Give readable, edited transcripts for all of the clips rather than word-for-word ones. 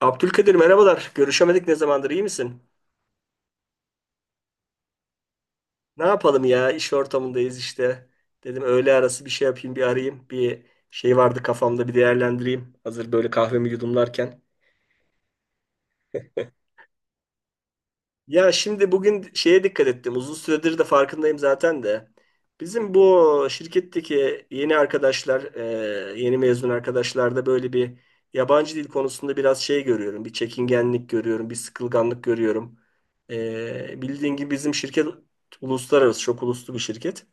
Abdülkadir merhabalar. Görüşemedik ne zamandır iyi misin? Ne yapalım ya iş ortamındayız işte. Dedim öğle arası bir şey yapayım bir arayayım. Bir şey vardı kafamda bir değerlendireyim. Hazır böyle kahvemi yudumlarken. Ya şimdi bugün şeye dikkat ettim. Uzun süredir de farkındayım zaten de. Bizim bu şirketteki yeni arkadaşlar, yeni mezun arkadaşlarda böyle bir yabancı dil konusunda biraz şey görüyorum. Bir çekingenlik görüyorum, bir sıkılganlık görüyorum. Bildiğin gibi bizim şirket uluslararası, çok uluslu bir şirket.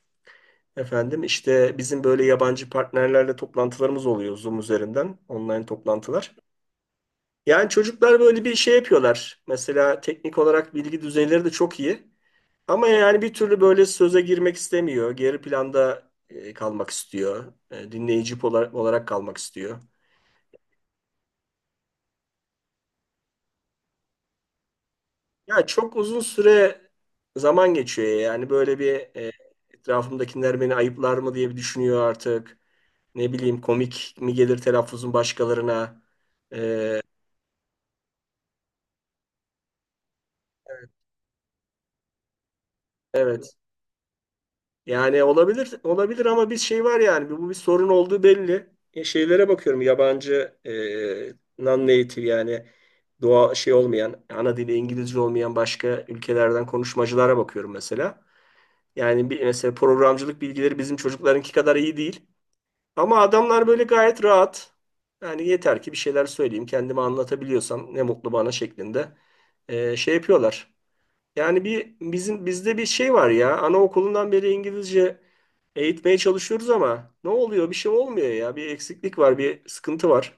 Efendim işte bizim böyle yabancı partnerlerle toplantılarımız oluyor Zoom üzerinden, online toplantılar. Yani çocuklar böyle bir şey yapıyorlar. Mesela teknik olarak bilgi düzeyleri de çok iyi. Ama yani bir türlü böyle söze girmek istemiyor. Geri planda kalmak istiyor. Dinleyici olarak kalmak istiyor. Ya çok uzun süre zaman geçiyor yani böyle bir etrafımdakiler beni ayıplar mı diye bir düşünüyor artık. Ne bileyim komik mi gelir telaffuzun başkalarına. E, evet. Yani olabilir olabilir ama bir şey var yani bu bir sorun olduğu belli. Şeylere bakıyorum yabancı non-native yani doğa şey olmayan ana dili İngilizce olmayan başka ülkelerden konuşmacılara bakıyorum mesela. Yani bir mesela programcılık bilgileri bizim çocuklarınki kadar iyi değil. Ama adamlar böyle gayet rahat. Yani yeter ki bir şeyler söyleyeyim, kendimi anlatabiliyorsam ne mutlu bana şeklinde şey yapıyorlar. Yani bir bizim bizde bir şey var ya anaokulundan beri İngilizce eğitmeye çalışıyoruz ama ne oluyor? Bir şey olmuyor ya. Bir eksiklik var, bir sıkıntı var.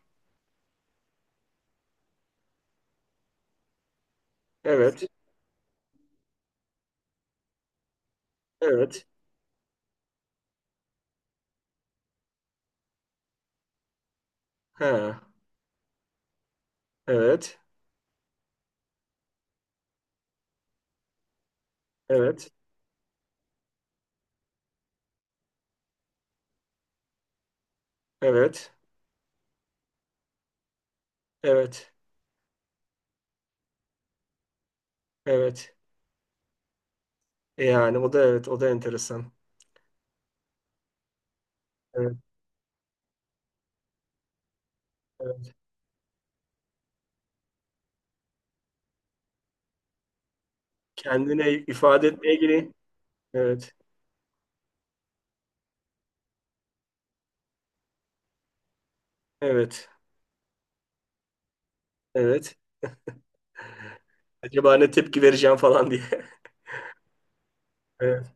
Evet, evet, ha, evet, evet, evet, evet, evet. Yani o da evet, o da enteresan. Evet, evet. Kendine ifade etmeye ilgili. Evet, evet, evet. Acaba ne tepki vereceğim falan diye. Evet.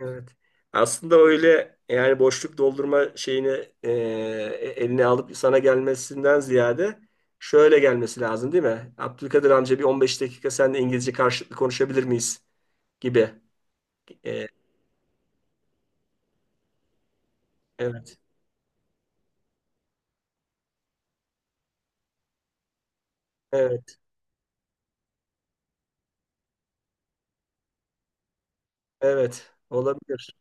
Evet. Aslında öyle yani boşluk doldurma şeyini eline alıp sana gelmesinden ziyade şöyle gelmesi lazım değil mi? Abdülkadir amca bir 15 dakika seninle İngilizce karşılıklı konuşabilir miyiz gibi. E, evet. Evet. Evet. Olabilir.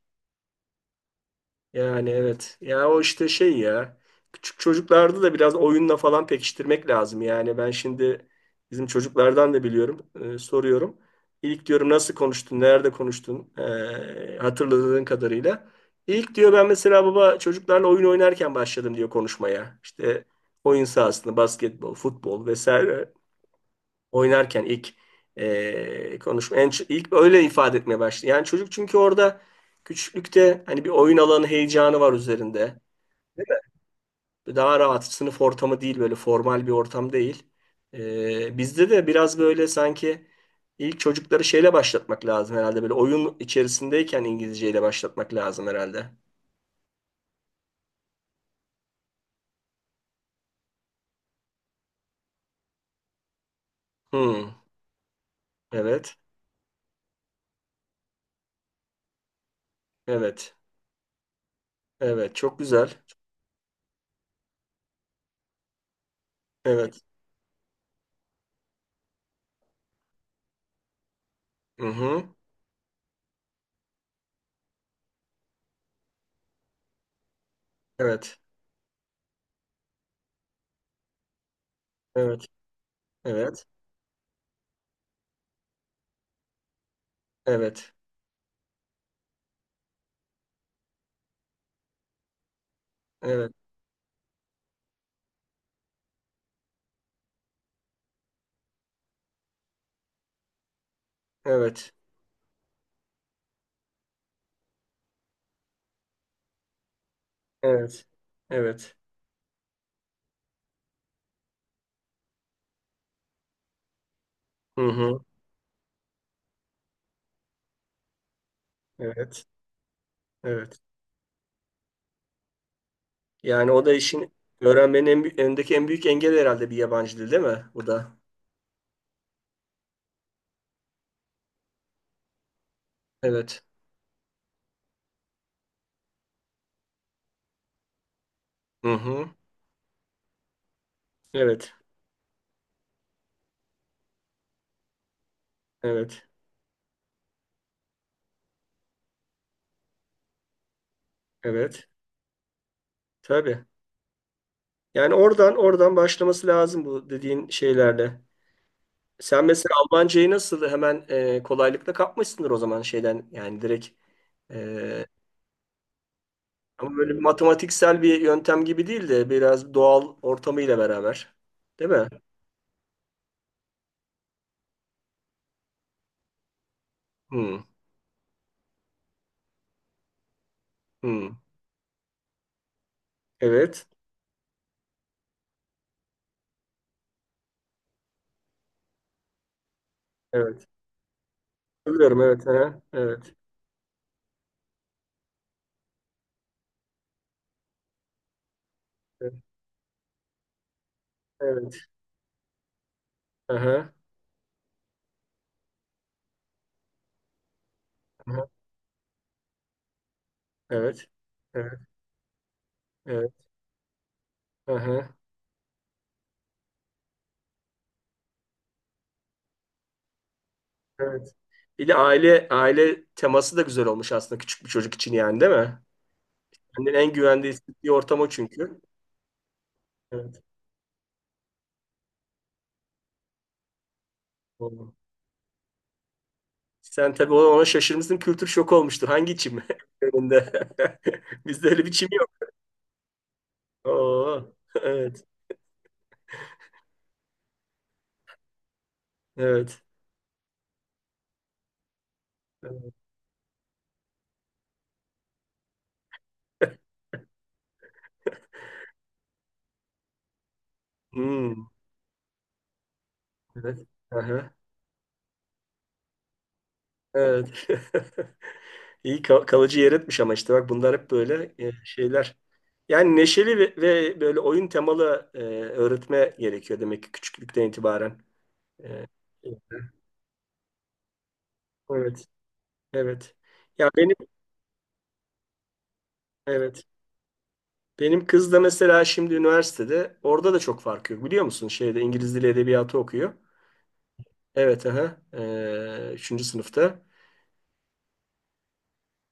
Yani evet. Ya o işte şey ya. Küçük çocuklarda da biraz oyunla falan pekiştirmek lazım. Yani ben şimdi bizim çocuklardan da biliyorum. Soruyorum. İlk diyorum nasıl konuştun? Nerede konuştun? Hatırladığın kadarıyla. İlk diyor ben mesela baba çocuklarla oyun oynarken başladım diyor konuşmaya. İşte oyun sahasında basketbol, futbol vesaire oynarken ilk konuşma ilk öyle ifade etmeye başladı. Yani çocuk çünkü orada küçüklükte hani bir oyun alanı heyecanı var üzerinde. Daha rahat sınıf ortamı değil böyle formal bir ortam değil. Bizde de biraz böyle sanki ilk çocukları şeyle başlatmak lazım herhalde böyle oyun içerisindeyken İngilizceyle başlatmak lazım herhalde. Hmm, evet. Evet. Evet. Çok güzel. Evet. Hı hı. Evet. Evet. Evet. Evet. Evet. Evet. Evet. Evet. Hı hı. Evet. Evet. Yani o da işin öğrenmenin önündeki en büyük engel herhalde bir yabancı dil değil mi? Bu da. Evet. Hı hı. Evet. Evet. Evet. Tabii. Yani oradan başlaması lazım bu dediğin şeylerle. Sen mesela Almancayı nasıl hemen kolaylıkla kapmışsındır o zaman şeyden yani direkt e, ama böyle bir matematiksel bir yöntem gibi değil de biraz doğal ortamıyla beraber. Değil mi? Hı hı. Evet. Evet. Hatırlıyorum evet. Aha, evet. Evet. Evet. Aha, aha, evet. Evet. Evet. Aha, evet. Bir de aile teması da güzel olmuş aslında küçük bir çocuk için yani değil mi? Kendini en güvende hissettiği ortam o çünkü. Evet. Doğru. Sen tabii ona şaşırmışsın kültür şoku olmuştur. Hangi çim? Önünde. Bizde öyle bir çim yok. Oo. Evet. Evet. Evet. Hmm, evet. Aha, evet. Kalıcı yer etmiş ama işte bak bunlar hep böyle şeyler. Yani neşeli ve böyle oyun temalı öğretme gerekiyor demek ki küçüklükten itibaren. E, evet, evet. Ya benim evet. Benim kız da mesela şimdi üniversitede orada da çok fark yok biliyor musun? Şeyde İngiliz Dili Edebiyatı okuyor. Evet, aha. Üçüncü sınıfta.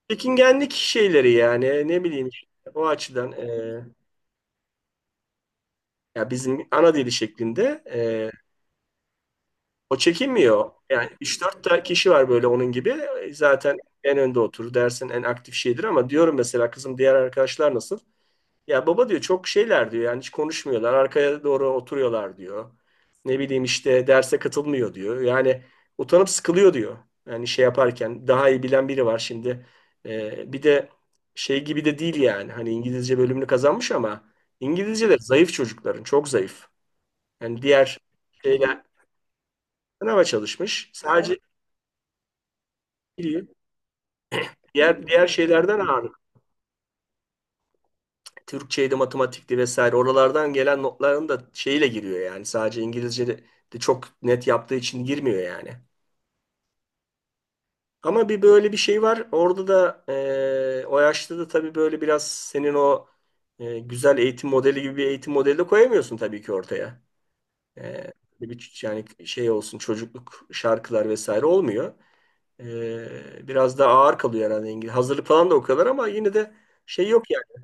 Çekingenlik şeyleri yani ne bileyim işte, o açıdan ya bizim ana dili şeklinde O çekinmiyor. Yani üç dört tane kişi var böyle onun gibi. Zaten en önde oturur. Dersin en aktif şeydir ama diyorum mesela kızım diğer arkadaşlar nasıl? Ya baba diyor çok şeyler diyor. Yani hiç konuşmuyorlar. Arkaya doğru oturuyorlar diyor. Ne bileyim işte derse katılmıyor diyor. Yani utanıp sıkılıyor diyor. Yani şey yaparken daha iyi bilen biri var şimdi. Bir de şey gibi de değil yani. Hani İngilizce bölümünü kazanmış ama İngilizceleri zayıf çocukların. Çok zayıf. Yani diğer şeyler sınava çalışmış. Sadece İyi. Diğer şeylerden ağırlık. Türkçeydi, matematikti vesaire. Oralardan gelen notların da şeyle giriyor yani. Sadece İngilizce de çok net yaptığı için girmiyor yani. Ama bir böyle bir şey var. Orada da o yaşta da tabii böyle biraz senin o güzel eğitim modeli gibi bir eğitim modeli de koyamıyorsun tabii ki ortaya. Eee, bir yani şey olsun çocukluk şarkılar vesaire olmuyor. Biraz daha ağır kalıyor herhalde İngiliz. Hazırlık falan da o kadar ama yine de şey yok yani.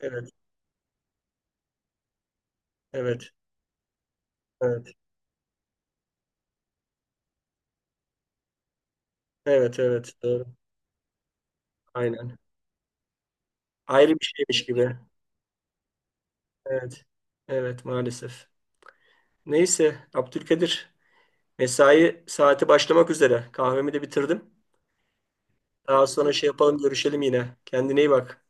Evet. Evet. Evet. Evet, evet. Doğru. Aynen. Ayrı bir şeymiş gibi. Evet. Evet, maalesef. Neyse, Abdülkadir. Mesai saati başlamak üzere. Kahvemi de bitirdim. Daha sonra şey yapalım, görüşelim yine. Kendine iyi bak.